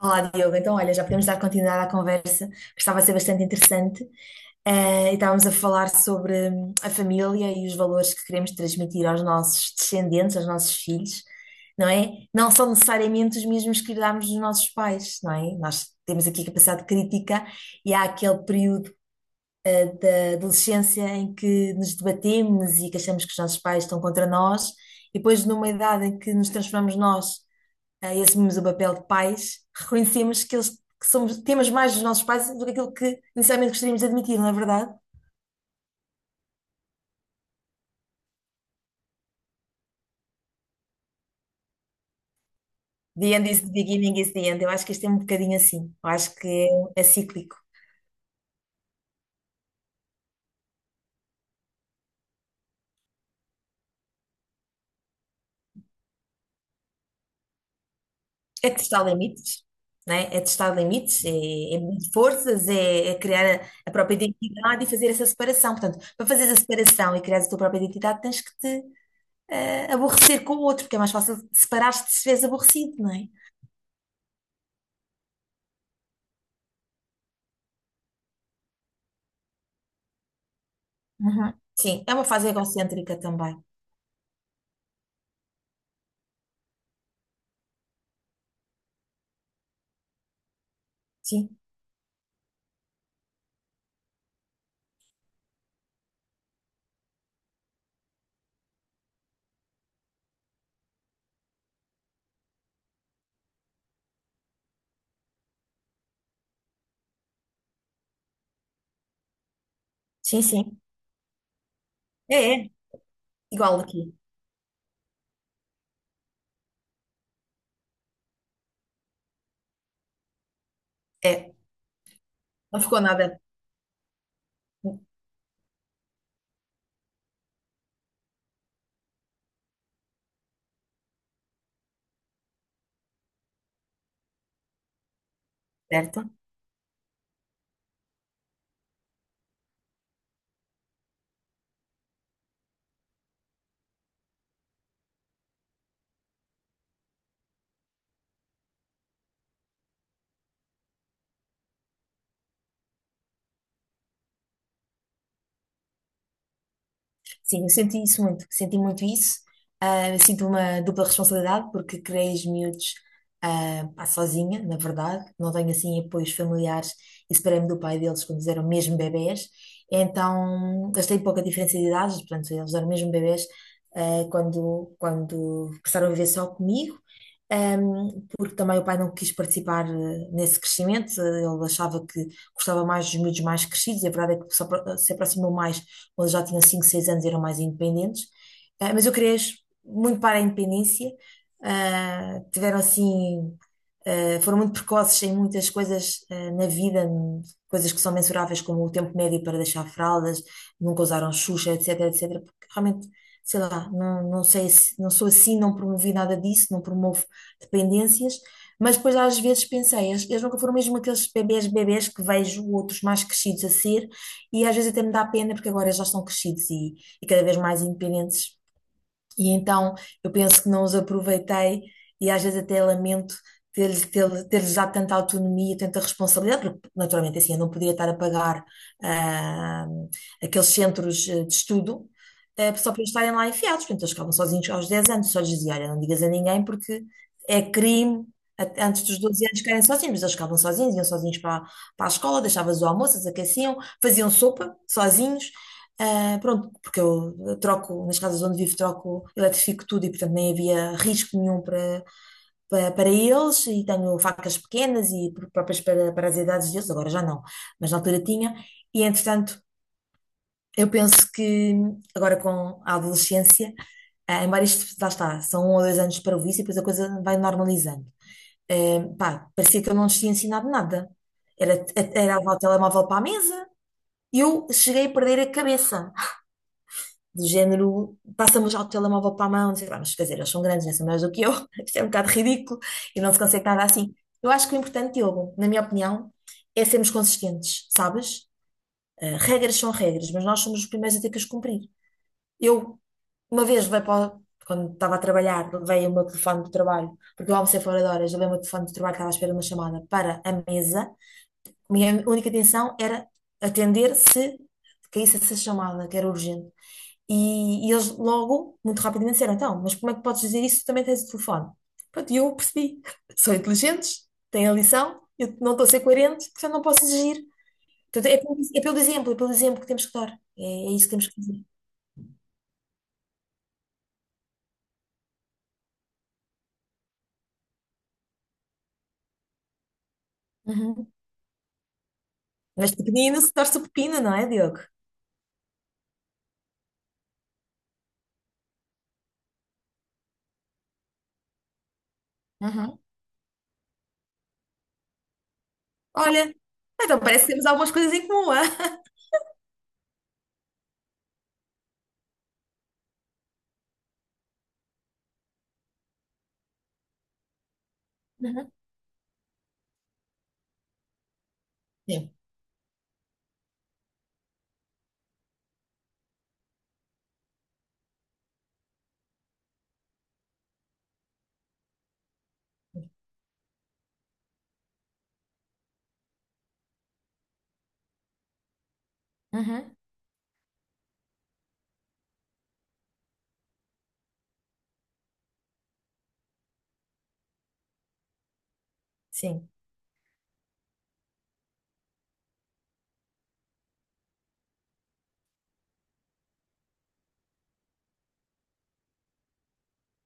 Olá, Diogo. Então, olha, já podemos dar continuidade à conversa, que estava a ser bastante interessante. E estávamos a falar sobre a família e os valores que queremos transmitir aos nossos descendentes, aos nossos filhos, não é? Não são necessariamente os mesmos que herdámos dos nossos pais, não é? Nós temos aqui capacidade crítica e há aquele período, da adolescência em que nos debatemos e que achamos que os nossos pais estão contra nós, e depois, numa idade em que nos transformamos nós, e assumimos o papel de pais, reconhecemos que, eles, que somos, temos mais dos nossos pais do que aquilo que inicialmente gostaríamos de admitir, não é verdade? The end is the beginning is the end. Eu acho que isto é um bocadinho assim. Eu acho que é, é cíclico. É testar limites, não é? É testar limites, é, é medir forças, é, é criar a própria identidade e fazer essa separação. Portanto, para fazer a separação e criar a tua própria identidade, tens que te aborrecer com o outro, porque é mais fácil separar-te se estiveres aborrecido, não é? Uhum. Sim, é uma fase egocêntrica também. Sim. Sim, sim. É, é. Igual aqui. É. Não ficou nada certo. Sim, eu senti isso muito, senti muito isso. Ah, eu sinto uma dupla responsabilidade porque criei os miúdos, pá, sozinha, na verdade. Não tenho assim apoios familiares e separei-me do pai deles quando eles eram mesmo bebés. Então, eles têm pouca diferença de idades, portanto, eles eram mesmo bebés quando, quando passaram a viver só comigo. Porque também o pai não quis participar nesse crescimento, ele achava que gostava mais dos miúdos mais crescidos, e a verdade é que se aproximou mais ou eles já tinham 5 6 anos e eram mais independentes. Ah, mas eu criei muito para a independência. Ah, tiveram assim, foram muito precoces em muitas coisas, na vida, coisas que são mensuráveis, como o tempo médio para deixar fraldas, nunca usaram Xuxa, etc, etc, porque realmente. Sei lá, não, não sei, não sou assim, não promovi nada disso, não promovo dependências, mas depois às vezes pensei, eles nunca foram mesmo aqueles bebés bebés que vejo outros mais crescidos a ser, e às vezes até me dá pena porque agora já são crescidos e cada vez mais independentes, e então eu penso que não os aproveitei, e às vezes até lamento ter-lhes dado tanta autonomia, tanta responsabilidade, porque naturalmente assim eu não podia estar a pagar, ah, aqueles centros, de estudo, só para eles estarem lá enfiados. Portanto, eles ficavam sozinhos aos 10 anos, só lhes dizia, olha, não digas a ninguém porque é crime. Antes dos 12 anos ficarem sozinhos, mas eles ficavam sozinhos, iam sozinhos para a escola, deixavas o almoço, eles aqueciam, faziam sopa sozinhos. Pronto, porque eu troco, nas casas onde vivo, troco, eletrifico tudo e, portanto, nem havia risco nenhum para eles. E tenho facas pequenas e próprias para as idades deles, agora já não, mas na altura tinha. E, entretanto, eu penso que agora com a adolescência, embora isto, lá está, são 1 ou 2 anos para o vício e depois a coisa vai normalizando. Eh, pá, parecia que eu não lhes tinha ensinado nada. Era levar o telemóvel para a mesa e eu cheguei a perder a cabeça. Do género, passamos já o telemóvel para a mão, não sei lá, mas quer dizer, eles são grandes, né? São maiores do que eu, isto é um bocado ridículo e não se consegue nada assim. Eu acho que o importante, Diogo, na minha opinião, é sermos consistentes, sabes? Regras são regras, mas nós somos os primeiros a ter que as cumprir. Eu, uma vez, quando estava a trabalhar, levei o meu telefone do trabalho, porque eu almocei fora de horas, levei o meu telefone do trabalho que estava à espera de uma chamada para a mesa. Minha única intenção era atender se caísse essa chamada, que era urgente. E, eles logo, muito rapidamente, disseram: Então, mas como é que podes dizer isso? Tu também tens o telefone. Pronto, e eu percebi: são inteligentes, têm a lição, eu não estou a ser coerente, portanto não posso exigir. Portanto, é, pelo exemplo, é pelo exemplo que temos que dar. É, é isso que temos que fazer. Uhum. Mas pequenino se torce o pepino, não é, Diogo? Uhum. Olha, então parece que temos algumas coisas em comum, ah? Uhum. Sim. Uhum. Sim.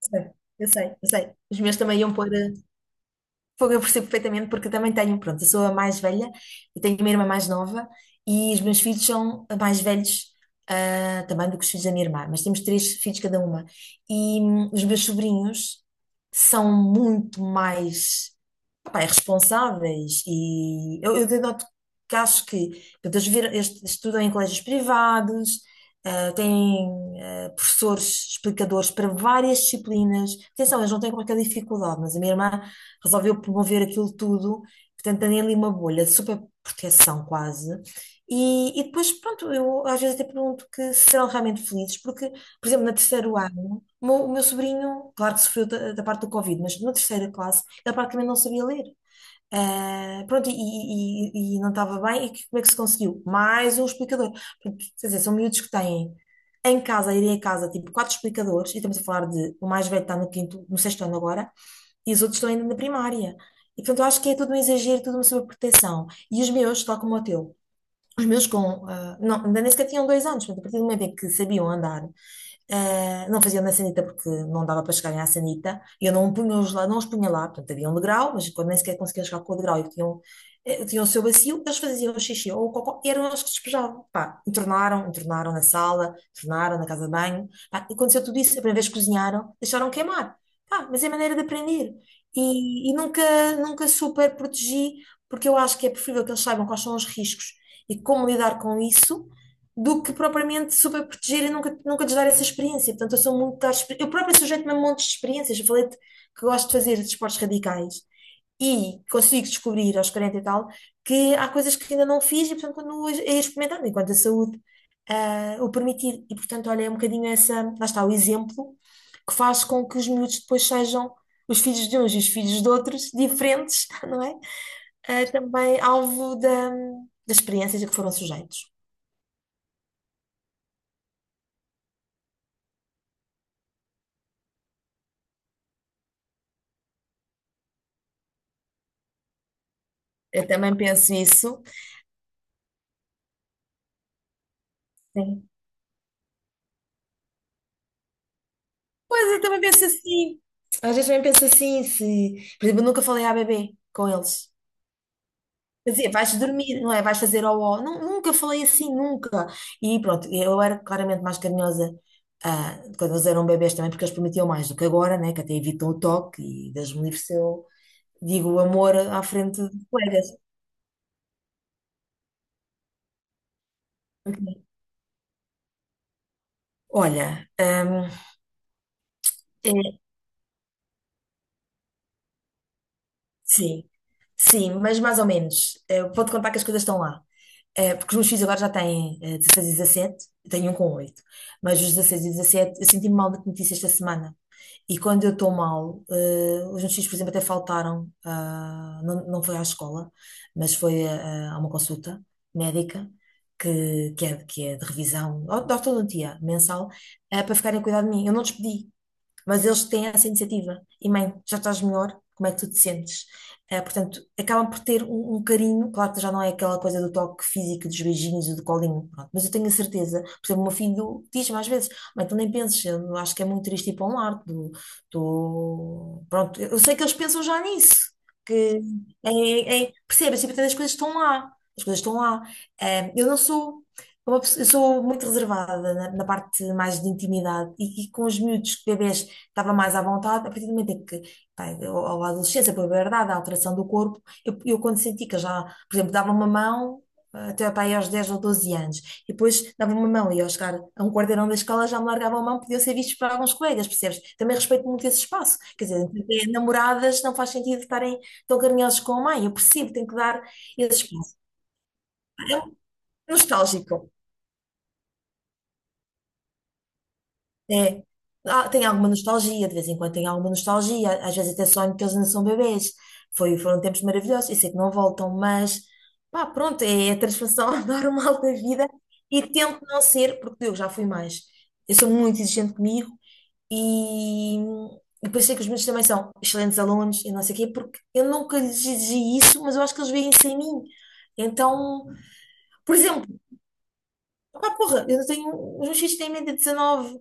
sei, eu sei, eu sei. Os meus também iam pôr fogo, eu percebo perfeitamente, porque eu também tenho, pronto, eu sou a mais velha, eu tenho uma irmã mais nova e os meus filhos são mais velhos, também do que os filhos da minha irmã, mas temos três filhos cada uma. E os meus sobrinhos são muito mais, pá, é responsáveis. E eu denoto que acho que, portanto, eles estudam em colégios privados, têm professores explicadores para várias disciplinas. Atenção, eles não têm qualquer dificuldade, mas a minha irmã resolveu promover aquilo tudo, portanto, tem ali uma bolha de super proteção quase. E depois, pronto, eu às vezes até pergunto que se serão realmente felizes, porque, por exemplo, na terceiro ano. O meu sobrinho, claro que sofreu da parte do Covid, mas na terceira classe ele praticamente não sabia ler. Ah, pronto, e, e não estava bem. E como é que se conseguiu? Mais um explicador. Portanto, quer dizer, são miúdos que têm em casa, a irem a casa, tipo, quatro explicadores, e estamos a falar de o mais velho está no quinto, no sexto ano agora, e os outros estão ainda na primária. E portanto, eu acho que é tudo um exagero, tudo uma sobreproteção. E os meus, tal como o teu, os meus não, ainda nem sequer tinham 2 anos, portanto, a partir do momento em que sabiam andar. Não fazia na sanita porque não dava para chegarem à sanita. E Eu não os punha lá, portanto havia um degrau, mas quando nem sequer conseguiam chegar com o degrau e tinham o seu bacio, eles faziam o xixi ou o cocó, e eram eles que despejavam. Pá, entornaram, entornaram na sala, entornaram na casa de banho. Pá, e aconteceu tudo isso, a primeira vez que cozinharam, deixaram queimar. Pá, mas é maneira de aprender. E nunca, nunca super protegi, porque eu acho que é preferível que eles saibam quais são os riscos e como lidar com isso do que propriamente super proteger e nunca, nunca lhes dar essa experiência. Portanto, eu sou muito. Eu própria sujeito-me a montes de experiências. Eu falei que gosto de fazer desportos radicais e consigo descobrir aos 40 e tal que há coisas que ainda não fiz e, portanto, continuo a ir experimentando enquanto a saúde o permitir. E, portanto, olha, é um bocadinho essa. Lá está o exemplo que faz com que os miúdos depois sejam. Os filhos de uns e os filhos de outros, diferentes, não é? Ah, também alvo da, das experiências a que foram sujeitos. Eu também penso isso. Sim. Pois eu também penso assim. Às vezes também penso assim, se... Por exemplo, eu nunca falei à bebê com eles. Quer dizer, vais dormir, não é? Vais fazer ó ó. Nunca falei assim, nunca. E pronto, eu era claramente mais carinhosa, quando eles eram bebês também, porque eles prometiam mais do que agora, né? Que até evitam o toque e Deus me livre se eu digo o amor à frente de colegas. Ok. Olha, é, sim, sim, mas mais ou menos. Pode contar que as coisas estão lá. Porque os meus filhos agora já têm 16 e 17, eu tenho um com oito, mas os 16 e 17 eu senti-me mal de notícia esta semana. E quando eu estou mal, os meus filhos, por exemplo, até faltaram, não, não foi à escola, mas foi a uma consulta médica, que é de revisão, de ortodontia mensal, para ficarem a cuidar de mim. Eu não despedi, mas eles têm essa iniciativa. E mãe, já estás melhor? Como é que tu te sentes? Eh, portanto, acabam por ter um carinho, claro que já não é aquela coisa do toque físico, dos beijinhos e do colinho, pronto, mas eu tenho a certeza, por exemplo, o meu filho diz-me às vezes, mãe, tu nem penses, eu acho que é muito triste ir para um lar, pronto, eu sei que eles pensam já nisso, que percebes, tipo, as coisas estão lá, as coisas estão lá. Eu não sou eu sou muito reservada na parte mais de intimidade e, com os miúdos, bebês estava mais à vontade, a partir do momento em que, pá, ou a adolescência, a puberdade, a alteração do corpo, eu quando senti que eu já, por exemplo, dava uma mão até pá, aí aos 10 ou 12 anos, e depois dava uma mão e ao chegar a um quarteirão da escola já me largava a mão, podiam ser vistos por alguns colegas, percebes? Também respeito muito esse espaço, quer dizer, entre namoradas não faz sentido estarem tão carinhosos com a mãe, eu percebo, tenho que dar esse espaço. É um nostálgico. É. Ah, tem alguma nostalgia, de vez em quando tem alguma nostalgia, às vezes até sonho que eles ainda são bebês. Foram tempos maravilhosos, eu sei que não voltam, mas pá, pronto, é a transformação normal da vida e tento não ser, porque eu já fui mais. Eu sou muito exigente comigo e depois sei que os meus também são excelentes alunos e não sei o quê, porque eu nunca lhes exigi isso, mas eu acho que eles veem isso em mim. Então, por exemplo, porra, eu tenho. Os meus filhos têm em média de 19.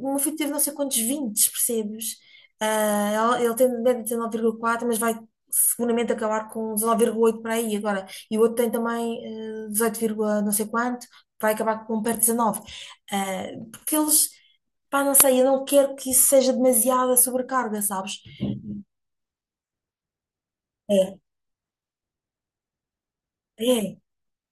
O meu filho teve não sei quantos 20, percebes? Ah, ele tem em média 19,4, mas vai seguramente acabar com 19,8 para aí agora. E o outro tem também, 18, vírgula não sei quanto, vai acabar com um perto de 19. Ah, porque eles. Pá, não sei, eu não quero que isso seja demasiada sobrecarga, sabes? É, é.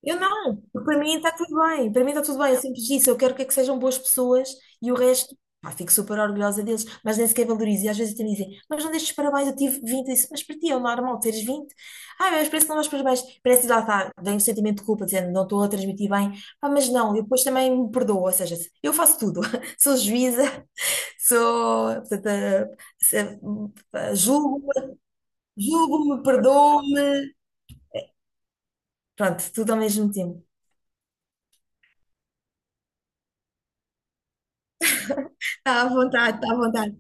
Eu não, porque para mim está tudo bem, para mim está tudo bem, eu sempre disse, eu quero que é que sejam boas pessoas e o resto, pá, fico super orgulhosa deles, mas nem sequer valorizo, e às vezes até me dizem, mas não deixes parabéns, eu tive 20, eu disse, mas para ti é o normal teres 20, mas parece que não dás parabéns, parece que lá está, vem um sentimento de culpa, dizendo, não estou a transmitir bem, mas não, eu depois também me perdoo, ou seja, eu faço tudo, sou juíza, sou, portanto, se- eh, julgo, julgo-me, perdoo-me, pronto, tudo ao mesmo tempo. Está à vontade, está à vontade.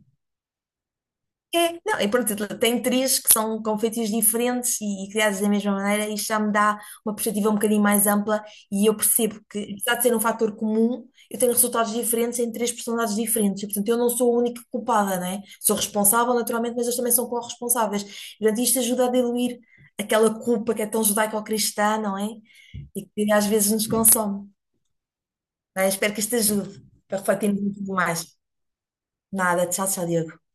É, não, e pronto, tem três que são com feitios diferentes e criados da mesma maneira, e isto já me dá uma perspectiva um bocadinho mais ampla e eu percebo que, apesar de ser um fator comum, eu tenho resultados diferentes em três personalidades diferentes. E, portanto, eu não sou a única culpada, não é? Sou responsável, naturalmente, mas eles também são corresponsáveis. E, portanto, isto ajuda a diluir aquela culpa que é tão judaico-cristã, não é? E que às vezes nos consome. Bem, espero que isto ajude para refletirmos um bocadinho mais. Nada, tchau, tchau, Diogo.